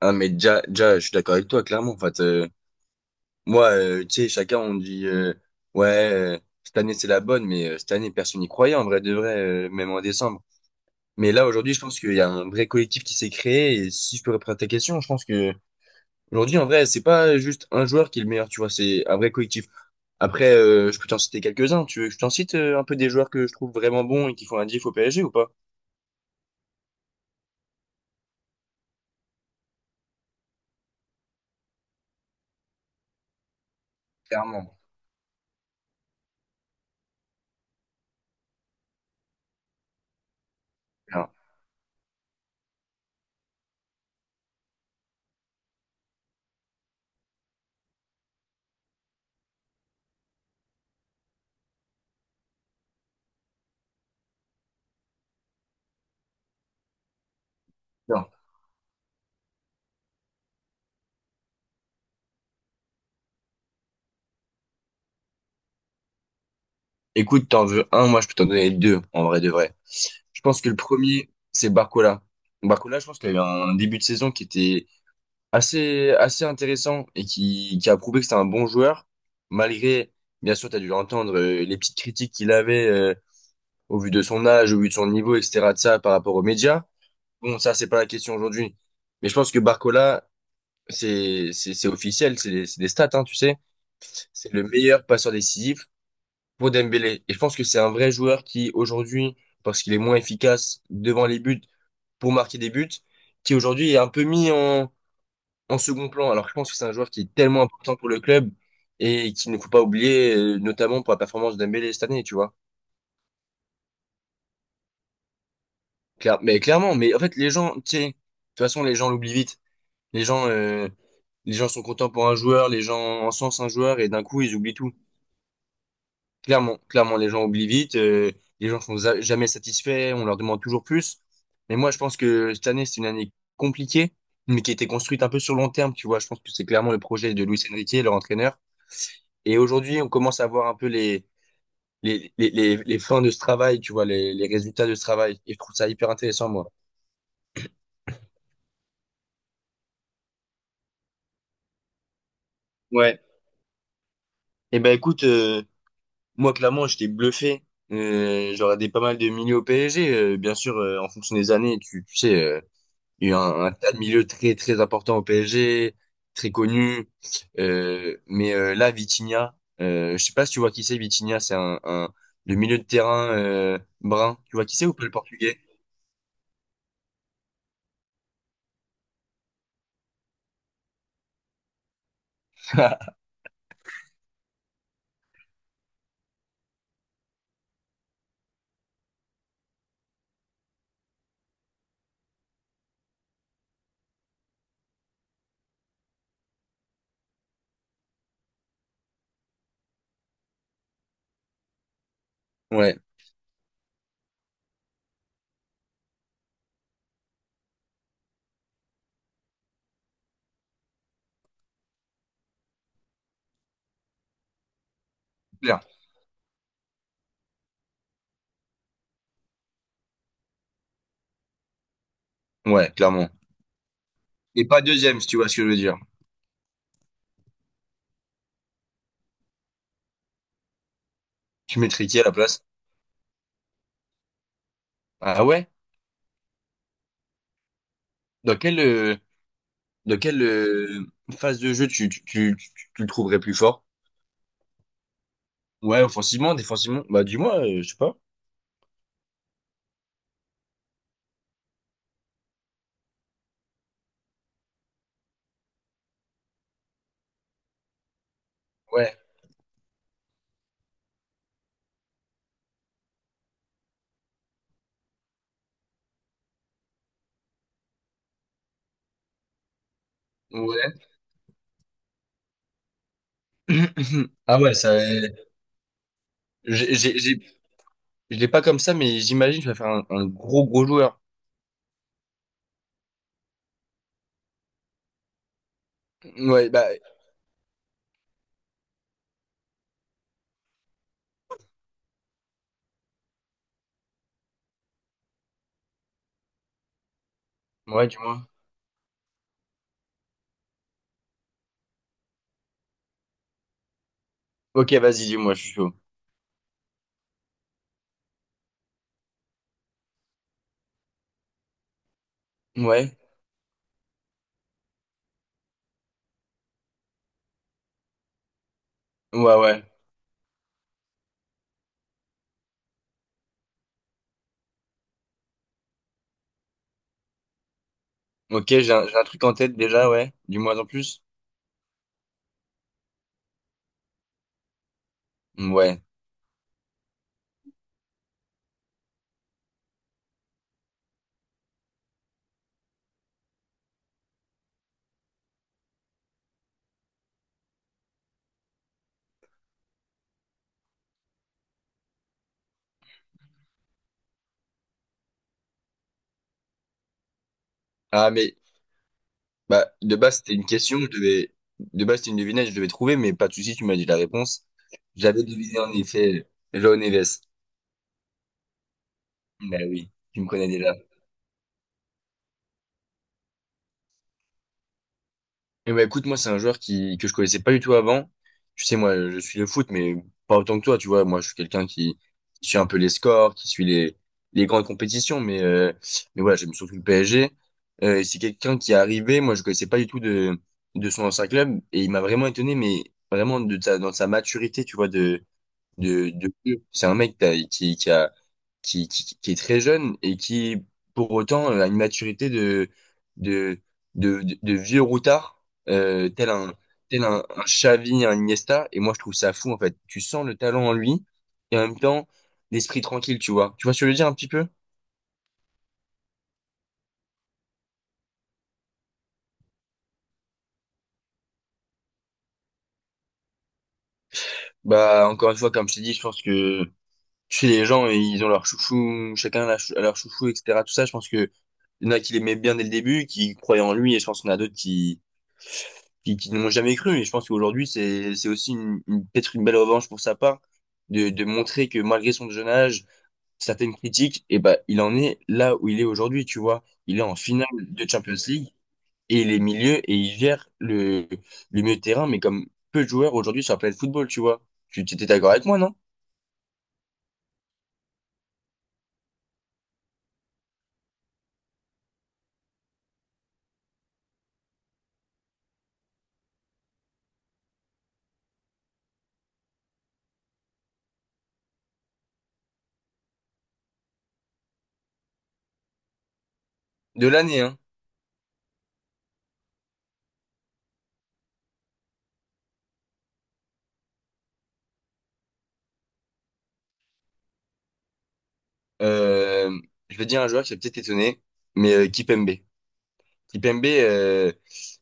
Ah mais déjà, déjà, je suis d'accord avec toi, clairement. En fait, moi, tu sais, chacun on dit ouais, cette année c'est la bonne, mais cette année personne n'y croyait en vrai de vrai, même en décembre. Mais là aujourd'hui, je pense qu'il y a un vrai collectif qui s'est créé. Et si je peux répondre à ta question, je pense que aujourd'hui en vrai, c'est pas juste un joueur qui est le meilleur, tu vois, c'est un vrai collectif. Après, je peux t'en citer quelques-uns. Tu veux que je t'en cite un peu des joueurs que je trouve vraiment bons et qui font un diff au PSG ou pas? Clairement. Non. Non. Écoute, t'en veux un, moi je peux t'en donner deux en vrai de vrai. Je pense que le premier, c'est Barcola. Barcola, je pense qu'il a eu un début de saison qui était assez intéressant et qui a prouvé que c'était un bon joueur, malgré, bien sûr, tu as dû entendre les petites critiques qu'il avait au vu de son âge, au vu de son niveau, etc. de ça par rapport aux médias. Bon, ça, c'est pas la question aujourd'hui. Mais je pense que Barcola, c'est officiel, c'est des stats, hein, tu sais. C'est le meilleur passeur décisif pour Dembélé. Et je pense que c'est un vrai joueur qui, aujourd'hui, parce qu'il est moins efficace devant les buts, pour marquer des buts, qui aujourd'hui est un peu mis en second plan. Alors je pense que c'est un joueur qui est tellement important pour le club et qu'il ne faut pas oublier, notamment pour la performance d'Dembélé cette année, tu vois. Mais clairement, mais en fait les gens, tu sais, de toute façon les gens l'oublient vite. Les gens, euh, les gens sont contents pour un joueur, les gens encensent un joueur et d'un coup ils oublient tout. Clairement, clairement, les gens oublient vite, les gens sont jamais satisfaits, on leur demande toujours plus. Mais moi, je pense que cette année, c'est une année compliquée, mais qui a été construite un peu sur long terme, tu vois. Je pense que c'est clairement le projet de Luis Enrique, leur entraîneur. Et aujourd'hui, on commence à voir un peu les fins de ce travail, tu vois, les résultats de ce travail. Et je trouve ça hyper intéressant, moi. Ouais. Et ben, écoute, moi, clairement, j'étais bluffé. J'aurais des pas mal de milieux au PSG, bien sûr, en fonction des années, tu sais. Il y a un tas de milieux très très importants au PSG, très connus. Mais là, Vitinha, je sais pas si tu vois qui c'est. Vitinha, c'est un le milieu de terrain brun. Tu vois qui c'est ou pas le portugais? Ouais, clair. Ouais, clairement. Et pas deuxième, si tu vois ce que je veux dire. Tu mettrais qui à la place? Ah ouais? Dans quelle dans quelle euh, phase de jeu tu le trouverais plus fort? Ouais, offensivement, défensivement? Bah dis-moi, je sais pas. Ouais. Ouais. Ah ouais, ça. J'ai j'ai- j'ai- Je l'ai pas comme ça, mais j'imagine que tu vas faire un gros gros joueur. Ouais, bah, ouais, du moins. Ok, vas-y, dis-moi, je suis chaud. Ouais, ouais, ouais. Ok, j'ai un truc en tête déjà, ouais. Dis-moi en plus. Ouais. Ah, mais, bah, de base, c'était une question, je devais, de base, c'était une devinette, je devais trouver, mais pas de souci, tu m'as dit la réponse. J'avais deviné en effet Joao Neves. Bah oui, tu me connais déjà. Et ben écoute, moi, c'est un joueur qui, que je connaissais pas du tout avant. Tu sais, moi, je suis le foot, mais pas autant que toi, tu vois. Moi, je suis quelqu'un qui suit un peu les scores, qui suit les grandes compétitions, mais voilà, j'aime surtout le PSG. Et c'est quelqu'un qui est arrivé, moi, je connaissais pas du tout de son ancien club, et il m'a vraiment étonné, mais vraiment de sa, dans sa maturité, tu vois, de feu. C'est un mec qui est très jeune et qui, pour autant, a une maturité de, de vieux routard, euh, tel un, tel un Xavi, un Iniesta. Et moi, je trouve ça fou, en fait. Tu sens le talent en lui et en même temps, l'esprit tranquille, tu vois. Tu vois ce que je veux dire un petit peu? Bah, encore une fois, comme je t'ai dit, je pense que chez les gens, ils ont leur chouchou, chacun a leur chou- a leur chouchou, etc. Tout ça, je pense que il y en a qui l'aimaient bien dès le début, qui croyaient en lui, et je pense qu'il y en a d'autres qui ne m'ont jamais cru. Et je pense qu'aujourd'hui, c'est aussi peut-être une belle revanche pour sa part de montrer que malgré son jeune âge, certaines critiques, et ben, il en est là où il est aujourd'hui, tu vois. Il est en finale de Champions League et il est milieu et il gère le milieu de terrain, mais comme peu de joueurs aujourd'hui sur la planète football, tu vois. Tu étais d'accord avec moi, non? De l'année, hein. Euh, je vais dire un joueur qui a peut-être étonné, mais Kipembe. Kipembe,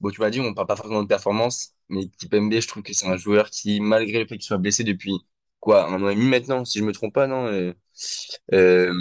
bon, tu m'as dit, on parle pas forcément de performance, mais Kipembe, je trouve que c'est un joueur qui, malgré le fait qu'il soit blessé depuis, quoi, un an et demi maintenant, si je me trompe pas, non, euh,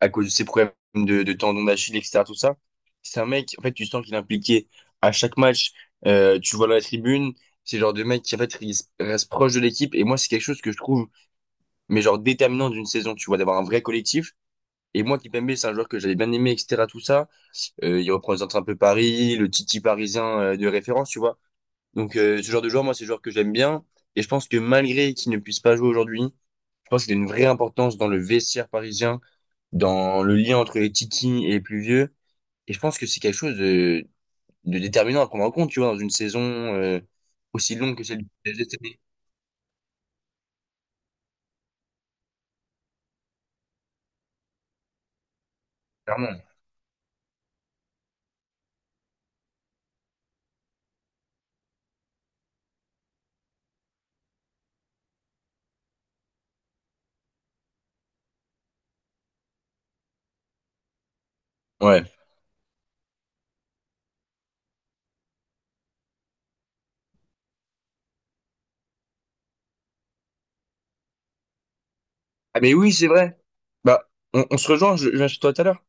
à cause de ses problèmes de tendons d'Achille, etc., tout ça, c'est un mec, en fait, tu sens qu'il est impliqué à chaque match, tu le vois dans la tribune, c'est le genre de mec qui, en fait, reste proche de l'équipe, et moi, c'est quelque chose que je trouve, mais genre déterminant d'une saison, tu vois, d'avoir un vrai collectif, et moi, Kipembe, c'est un joueur que j'avais bien aimé, etc., tout ça, il représente un peu Paris, le Titi parisien de référence, tu vois. Donc ce genre de joueur, moi, c'est le joueur que j'aime bien. Et je pense que malgré qu'il ne puisse pas jouer aujourd'hui, je pense qu'il a une vraie importance dans le vestiaire parisien, dans le lien entre les Titi et les plus vieux. Et je pense que c'est quelque chose de déterminant à prendre en compte, tu vois, dans une saison euh, aussi longue que celle du PSG cette année, clairement. Ouais. Ah mais oui, c'est vrai. Bah, on se rejoint, je viens chez toi tout à l'heure.